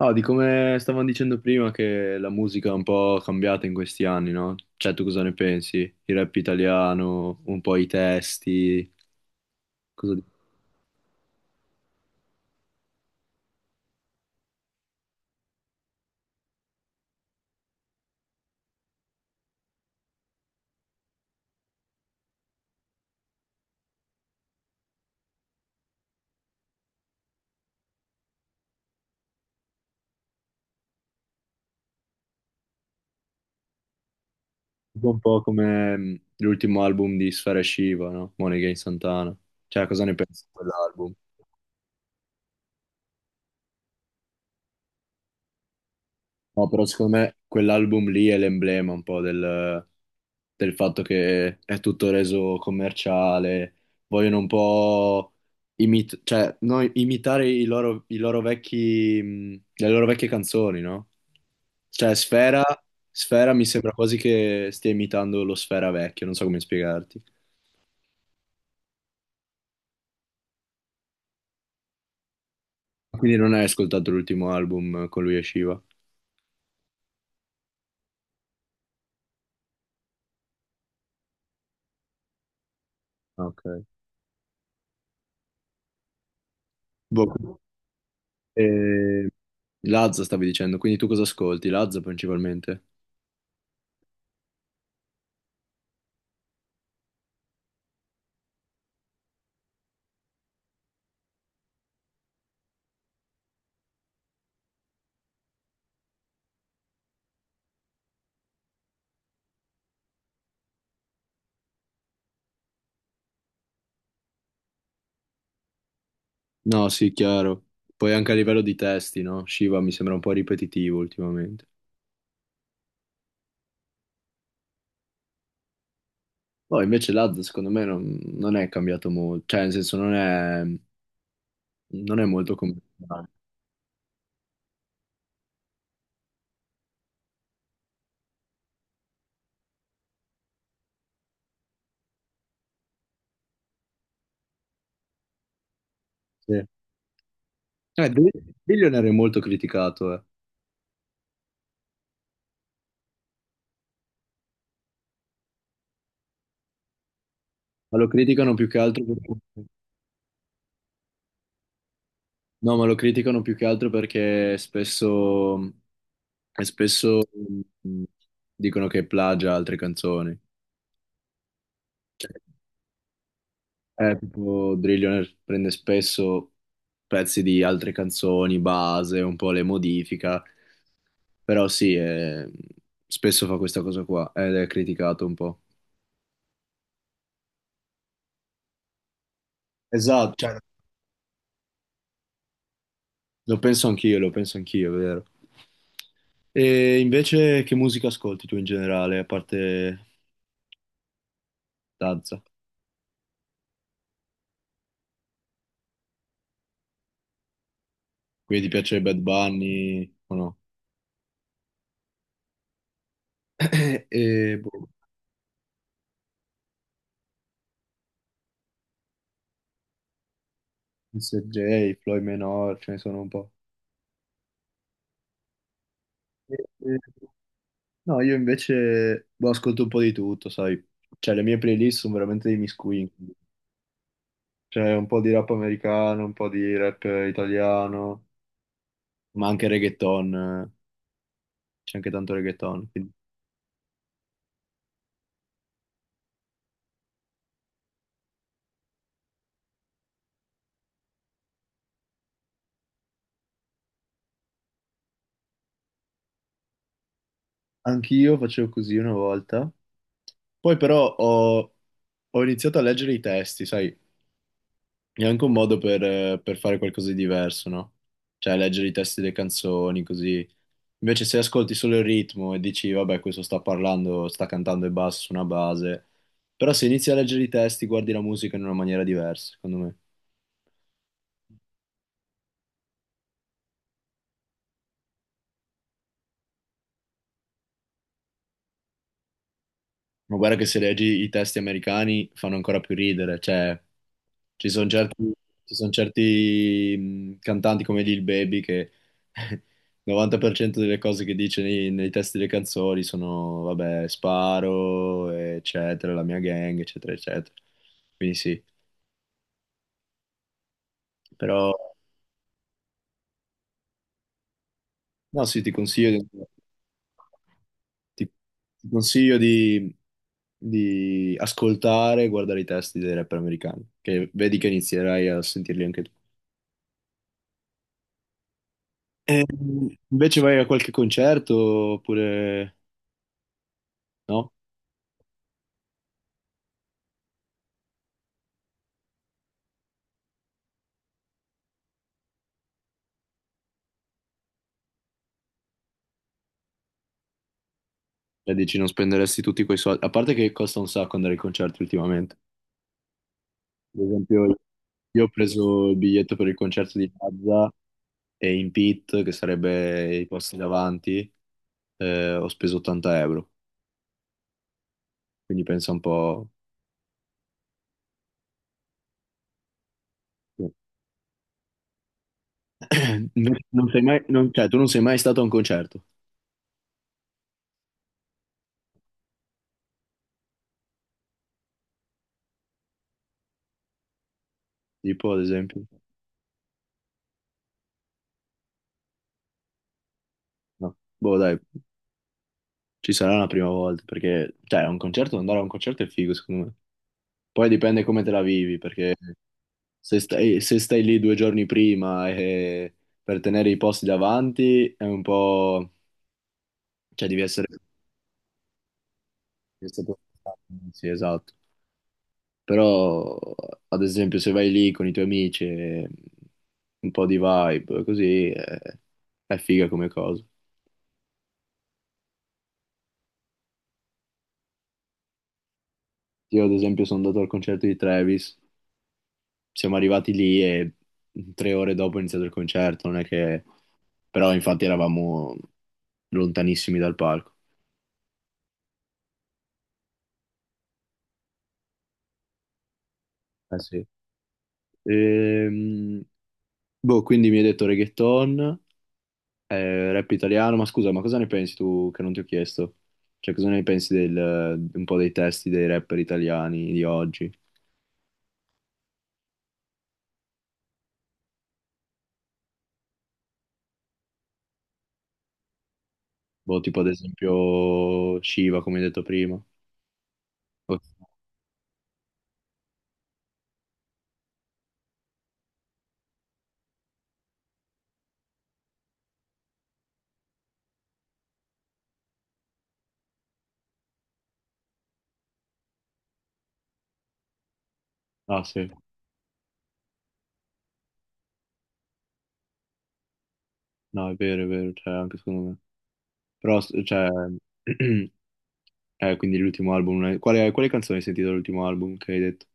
No, di come stavamo dicendo prima che la musica è un po' cambiata in questi anni, no? Cioè, tu cosa ne pensi? Il rap italiano, un po' i testi, cosa di- Un po' come l'ultimo album di Sfera Shiva, no? Money Against Santana. Cioè, cosa ne pensi di quell'album? No, però secondo me quell'album lì è l'emblema un po' del, del fatto che è tutto reso commerciale, vogliono un po' imit- cioè, no, imitare i loro vecchi, le loro vecchie canzoni, no? Cioè, Sfera, Sfera mi sembra quasi che stia imitando lo Sfera vecchio, non so come spiegarti. Quindi non hai ascoltato l'ultimo album con lui e Shiva. Ok. Boh, e... Lazza stavi dicendo, quindi tu cosa ascolti? Lazza principalmente? No, sì, chiaro. Poi anche a livello di testi, no? Shiva mi sembra un po' ripetitivo ultimamente. Poi invece Lazza secondo me non è cambiato molto, cioè nel senso non è, non è molto commerciale. Sì. Eh, Bill- Billionaire è molto criticato, eh. Ma lo criticano più che altro perché... No, ma lo criticano più che altro perché spesso, e spesso mh, dicono che plagia altre canzoni. Cioè, eh, tipo Drillionaire prende spesso pezzi di altre canzoni, base, un po' le modifica, però sì, spesso fa questa cosa qua ed è criticato un po'. Esatto, cioè, lo penso anch'io, è vero. E invece che musica ascolti tu in generale, a parte Tazza? Quindi ti piace Bad Bunny o no? E boh, Mr. J, Floyd Menor, ce ne sono un po'. No, io invece boh, ascolto un po' di tutto, sai. Cioè, le mie playlist sono veramente dei miscugli. C'è un po' di rap americano, un po' di rap italiano, ma anche reggaeton, eh. C'è anche tanto reggaeton. Quindi anch'io facevo così una volta. Poi però ho, ho iniziato a leggere i testi, sai. È anche un modo per fare qualcosa di diverso, no? Cioè, leggere i testi delle canzoni, così. Invece se ascolti solo il ritmo e dici, vabbè, questo sta parlando, sta cantando e basta su una base, però se inizi a leggere i testi, guardi la musica in una maniera diversa, secondo me. Ma guarda che se leggi i testi americani fanno ancora più ridere, cioè ci sono certi, ci son certi, cantanti come Lil Baby che il 90% delle cose che dice nei, nei testi delle canzoni sono, vabbè, sparo, eccetera, la mia gang, eccetera, eccetera. Quindi sì, però... No, sì, ti consiglio di, ti- ti consiglio di ascoltare e guardare i testi dei rapper americani, che vedi che inizierai a sentirli anche tu. E invece vai a qualche concerto oppure no? E dici non spenderesti tutti quei soldi, a parte che costa un sacco andare ai concerti ultimamente. Ad esempio, io ho preso il biglietto per il concerto di Mazza e in pit, che sarebbe i posti davanti, ho speso 80 euro, quindi pensa un po'. Sì. Non sei mai, non- cioè, tu non sei mai stato a un concerto, tipo ad esempio. No. Boh, dai, ci sarà la prima volta, perché, cioè, un concerto, andare a un concerto è figo, secondo me. Poi dipende come te la vivi, perché se stai, se stai lì 2 giorni prima e per tenere i posti davanti è un po'... cioè, devi essere preparato. Sì, esatto. Però, ad esempio, se vai lì con i tuoi amici, e un po' di vibe, così, è figa come cosa. Io ad esempio sono andato al concerto di Travis, siamo arrivati lì e 3 ore dopo è iniziato il concerto, non è che... Però infatti eravamo lontanissimi dal palco. Eh sì. Ehm, boh, quindi mi hai detto reggaeton, rap italiano, ma scusa, ma cosa ne pensi tu che non ti ho chiesto? Cioè cosa ne pensi del, un po' dei testi dei rapper italiani di oggi? Boh, tipo ad esempio Shiva, come hai detto prima. Oh, ah sì, no è vero, è vero, cioè anche secondo me. Però, s- cioè, quindi l'ultimo album, non è- quale, quale canzone hai sentito dall'ultimo album che hai detto?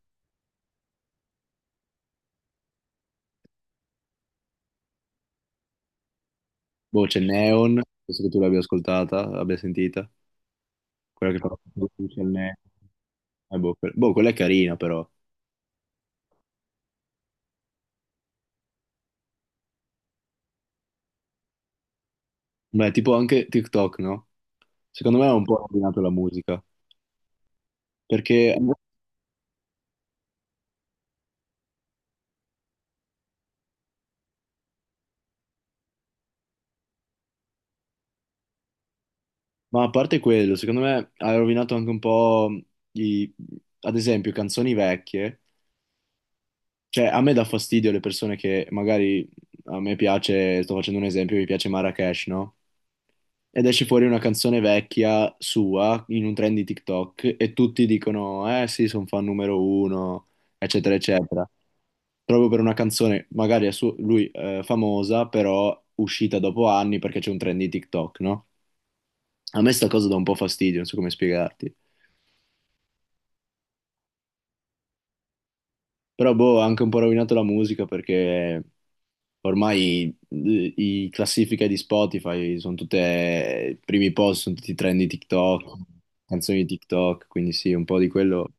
Boh, c'è Neon, penso che tu l'abbia ascoltata, l'abbia sentita, quella che fa c'è il Neon. Boh, que- boh, quella è carina però. Beh, tipo anche TikTok, no? Secondo me ha un po' rovinato la musica, perché, ma a parte quello, secondo me ha rovinato anche un po' i, ad esempio, canzoni vecchie, cioè a me dà fastidio le persone che magari, a me piace, sto facendo un esempio, mi piace Marrakesh, no? Ed esce fuori una canzone vecchia sua in un trend di TikTok e tutti dicono, eh sì, sono fan numero 1, eccetera, eccetera. Proprio per una canzone, magari a suo- lui famosa, però uscita dopo anni perché c'è un trend di TikTok, no? A me sta cosa dà un po' fastidio, non so come spiegarti. Però boh, ha anche un po' rovinato la musica perché ormai i classifiche di Spotify sono tutte, i primi post sono tutti trend di TikTok, canzoni di TikTok, quindi sì, un po' di quello.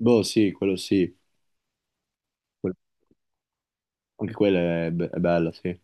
Boh, sì, quello sì, que- anche quella è, be- è bella, sì.